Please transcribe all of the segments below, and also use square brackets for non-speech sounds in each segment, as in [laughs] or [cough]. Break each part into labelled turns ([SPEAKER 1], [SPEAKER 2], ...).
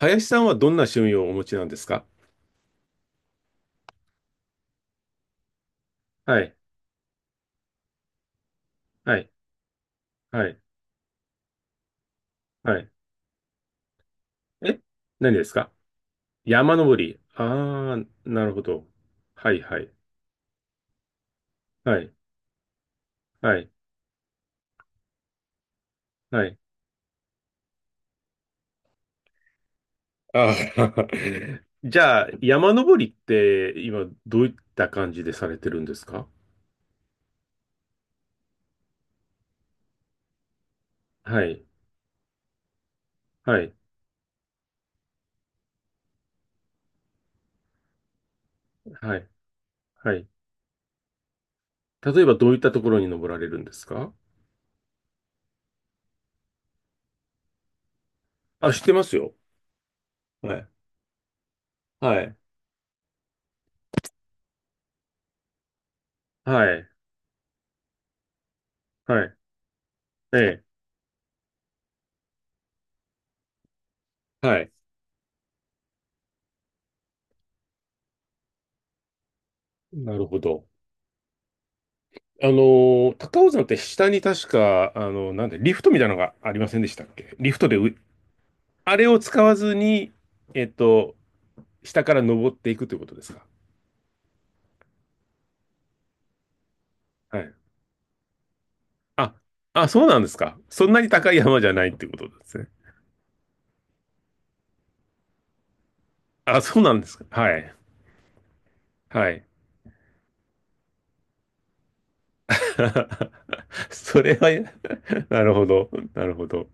[SPEAKER 1] 林さんはどんな趣味をお持ちなんですか？はい、はい、はい、はい。え、何ですか？山登り。ああ、なるほど。はい、はい、はい、はい、はい。あー、 [laughs] じゃあ、山登りって今どういった感じでされてるんですか？はい、はい、はい、はい。例えばどういったところに登られるんですか？あ、知ってますよ。はい、はい、はい、はい、ええ、はい。なるほど。あの、高尾山って下に確か、あの、なんで、リフトみたいなのがありませんでしたっけ？リフトであれを使わずに、えっと、下から登っていくということですか？はい。あ、あ、そうなんですか。そんなに高い山じゃないっていうことですね。あ、そうなんですか。はい。はい。[laughs] それは。 [laughs] なるほど。なるほど。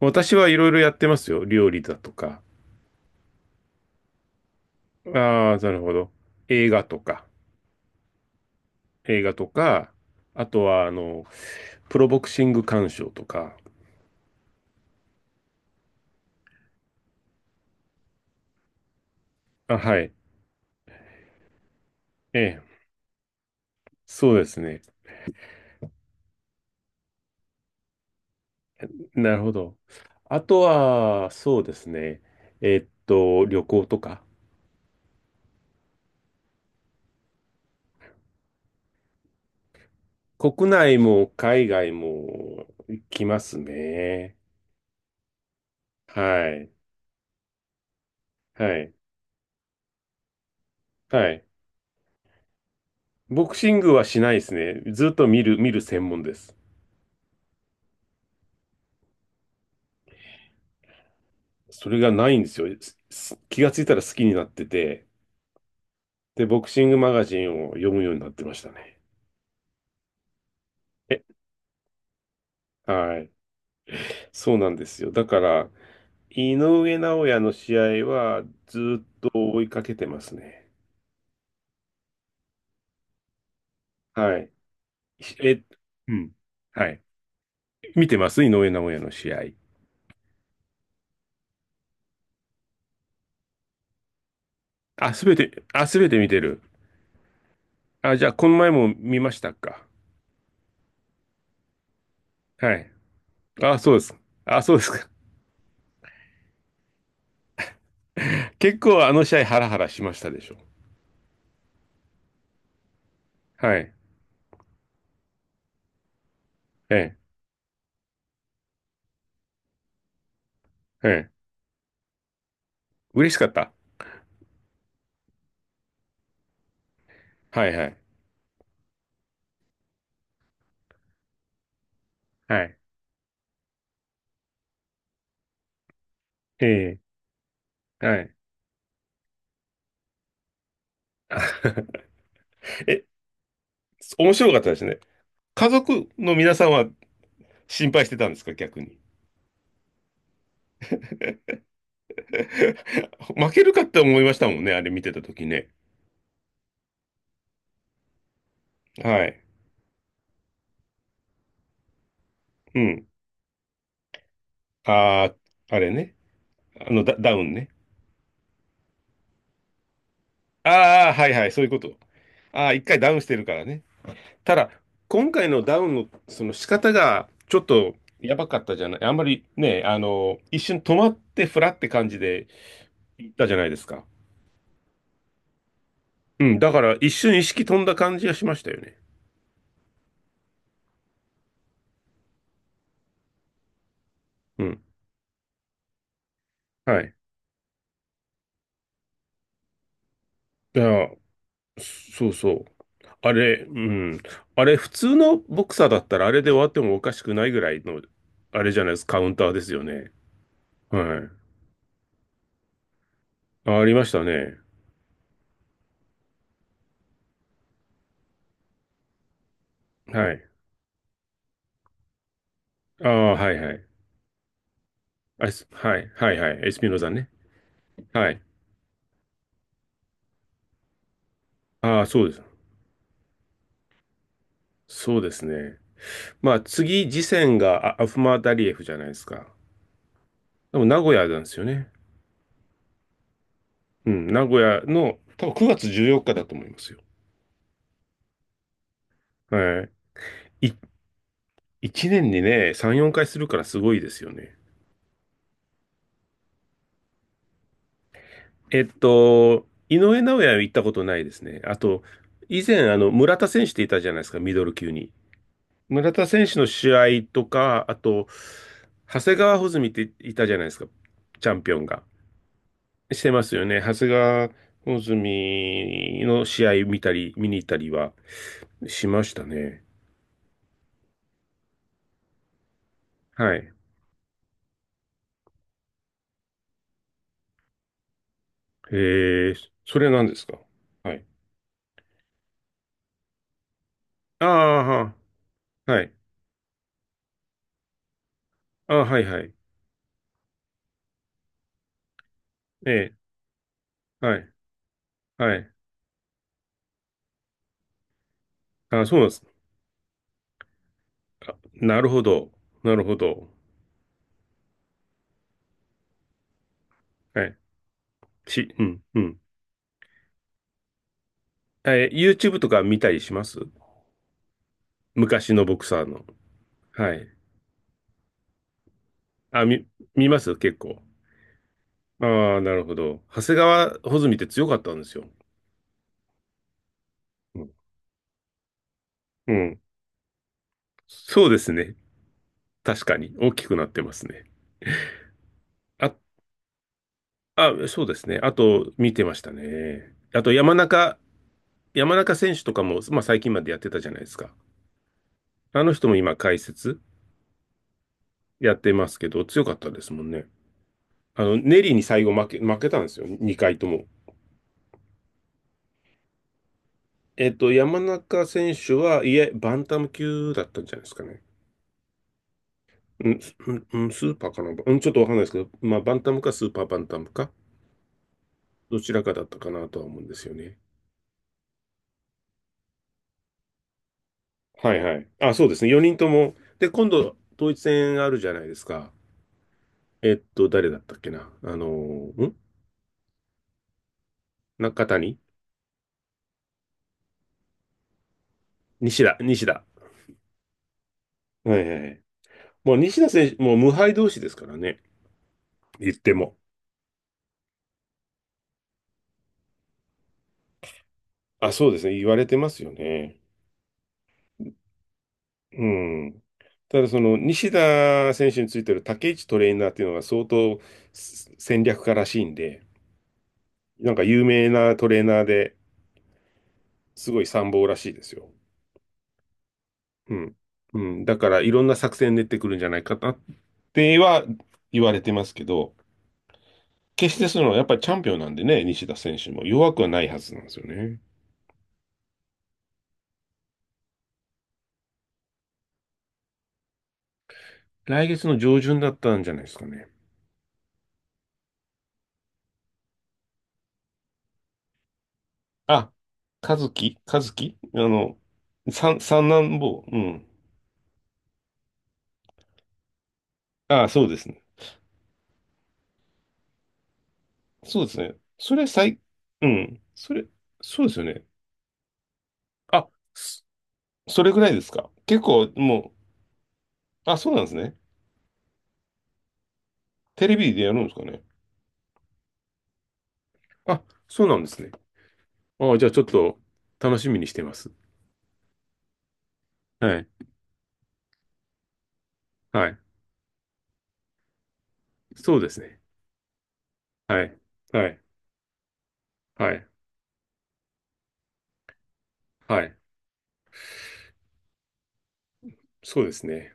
[SPEAKER 1] 私はいろいろやってますよ。料理だとか。ああ、なるほど。映画とか。映画とか、あとは、あの、プロボクシング鑑賞とか、あ、はい。ええ。そうですね。なるほど。あとは、そうですね。えっと、旅行とか。国内も海外も行きますね。はい。はい。はい。ボクシングはしないですね。ずっと見る、見る専門です。それがないんですよ。気がついたら好きになってて、で、ボクシングマガジンを読むようになってましたね。え、はい。そうなんですよ。だから、井上尚弥の試合はずっと追いかけてますね。はい。しえ、うん。はい。見てます井上尚弥の試合。あ、すべて見てる。あ、じゃあ、この前も見ましたか？はい。あ、そうです。あ、そうですか。[laughs] 結構あの試合ハラハラしましたでしょ。はい。ええ、ええ。嬉しかった。はいはい。はい。ええ、はい。[laughs] え、面白かったですね。家族の皆さんは心配してたんですか、逆に。[laughs] 負けるかって思いましたもんね、あれ見てた時ね。はい。うん。ああ、あれね。あのダ、ダウンね。ああ、はいはい、そういうこと。ああ、一回ダウンしてるからね。ただ、今回のダウンのその仕方が、ちょっとやばかったじゃない。あんまりね、あの、一瞬止まってフラって感じで行ったじゃないですか。うん、だから一瞬意識飛んだ感じがしましたよね。うん。はい。いや、そうそう。あれ、うん。あれ、普通のボクサーだったら、あれで終わってもおかしくないぐらいの、あれじゃないです、カウンターですよね。はい。あ、ありましたね。はい。ああ、はいはい。はい、はい、はい。エスピノザね。はい。ああ、そうです。そうですね。まあ、次、次戦がアフマダリエフじゃないですか。でも、名古屋なんですよね。うん、名古屋の、多分9月14日だと思いますよ。はい。1年にね、3、4回するからすごいですよね。えっと、井上尚弥は行ったことないですね。あと、以前、あの、村田選手っていたじゃないですか、ミドル級に。村田選手の試合とか、あと、長谷川穂積っていたじゃないですか、チャンピオンが。してますよね。長谷川穂積の試合見たり、見に行ったりはしましたね。はい。えー、それなんですか？はい。ああ、はい。ああ、はい、はい。ええ、はい、はい。ああ、そうなんです。なるほど。なるほど。はい。うん、うん。えー、YouTube とか見たりします？昔のボクサーの。はい。あ、み、見ます結構。ああ、なるほど。長谷川穂積って強かったんですよ。うん。うん。そうですね。確かに。大きくなってますね。あ、あ、そうですね。あと、見てましたね。あと、山中、山中選手とかも、まあ、最近までやってたじゃないですか。あの人も今、解説やってますけど、強かったですもんね。あの、ネリーに最後負け、負けたんですよ。2回とも。えっと、山中選手は、いえ、バンタム級だったんじゃないですかね。うん、すうん、スーパーかな、うん、ちょっとわかんないですけど、まあ、バンタムかスーパーバンタムか、どちらかだったかなとは思うんですよね。はいはい。あ、そうですね。4人とも。で、今度、統一戦あるじゃないですか。えっと、誰だったっけな。ーん中谷、西田、西田。はいはいはい。もう西田選手、もう無敗同士ですからね。言っても。あ、そうですね。言われてますよね。うん。ただ、その西田選手についてる竹内トレーナーっていうのが相当戦略家らしいんで、なんか有名なトレーナーですごい参謀らしいですよ。うん。うん。だから、いろんな作戦練ってくるんじゃないかなっては言われてますけど、決してその、やっぱりチャンピオンなんでね、西田選手も弱くはないはずなんですよね。来月の上旬だったんじゃないですかね。あ、和樹、和樹、あの、三、三男坊。うん。ああ、そうですね。そうですね。それ最、うん。それ、そうですよね。あ、そそれぐらいですか。結構、もう、あ、そうなんですね。テレビでやるんですかね。あ、そうなんですね。あ、じゃあちょっと楽しみにしてます。はい。はい。そうですね。はい。はい。はい。はい。そうですね。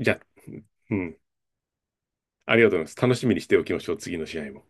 [SPEAKER 1] じゃあ、うん。ありがとうございます。楽しみにしておきましょう。次の試合も。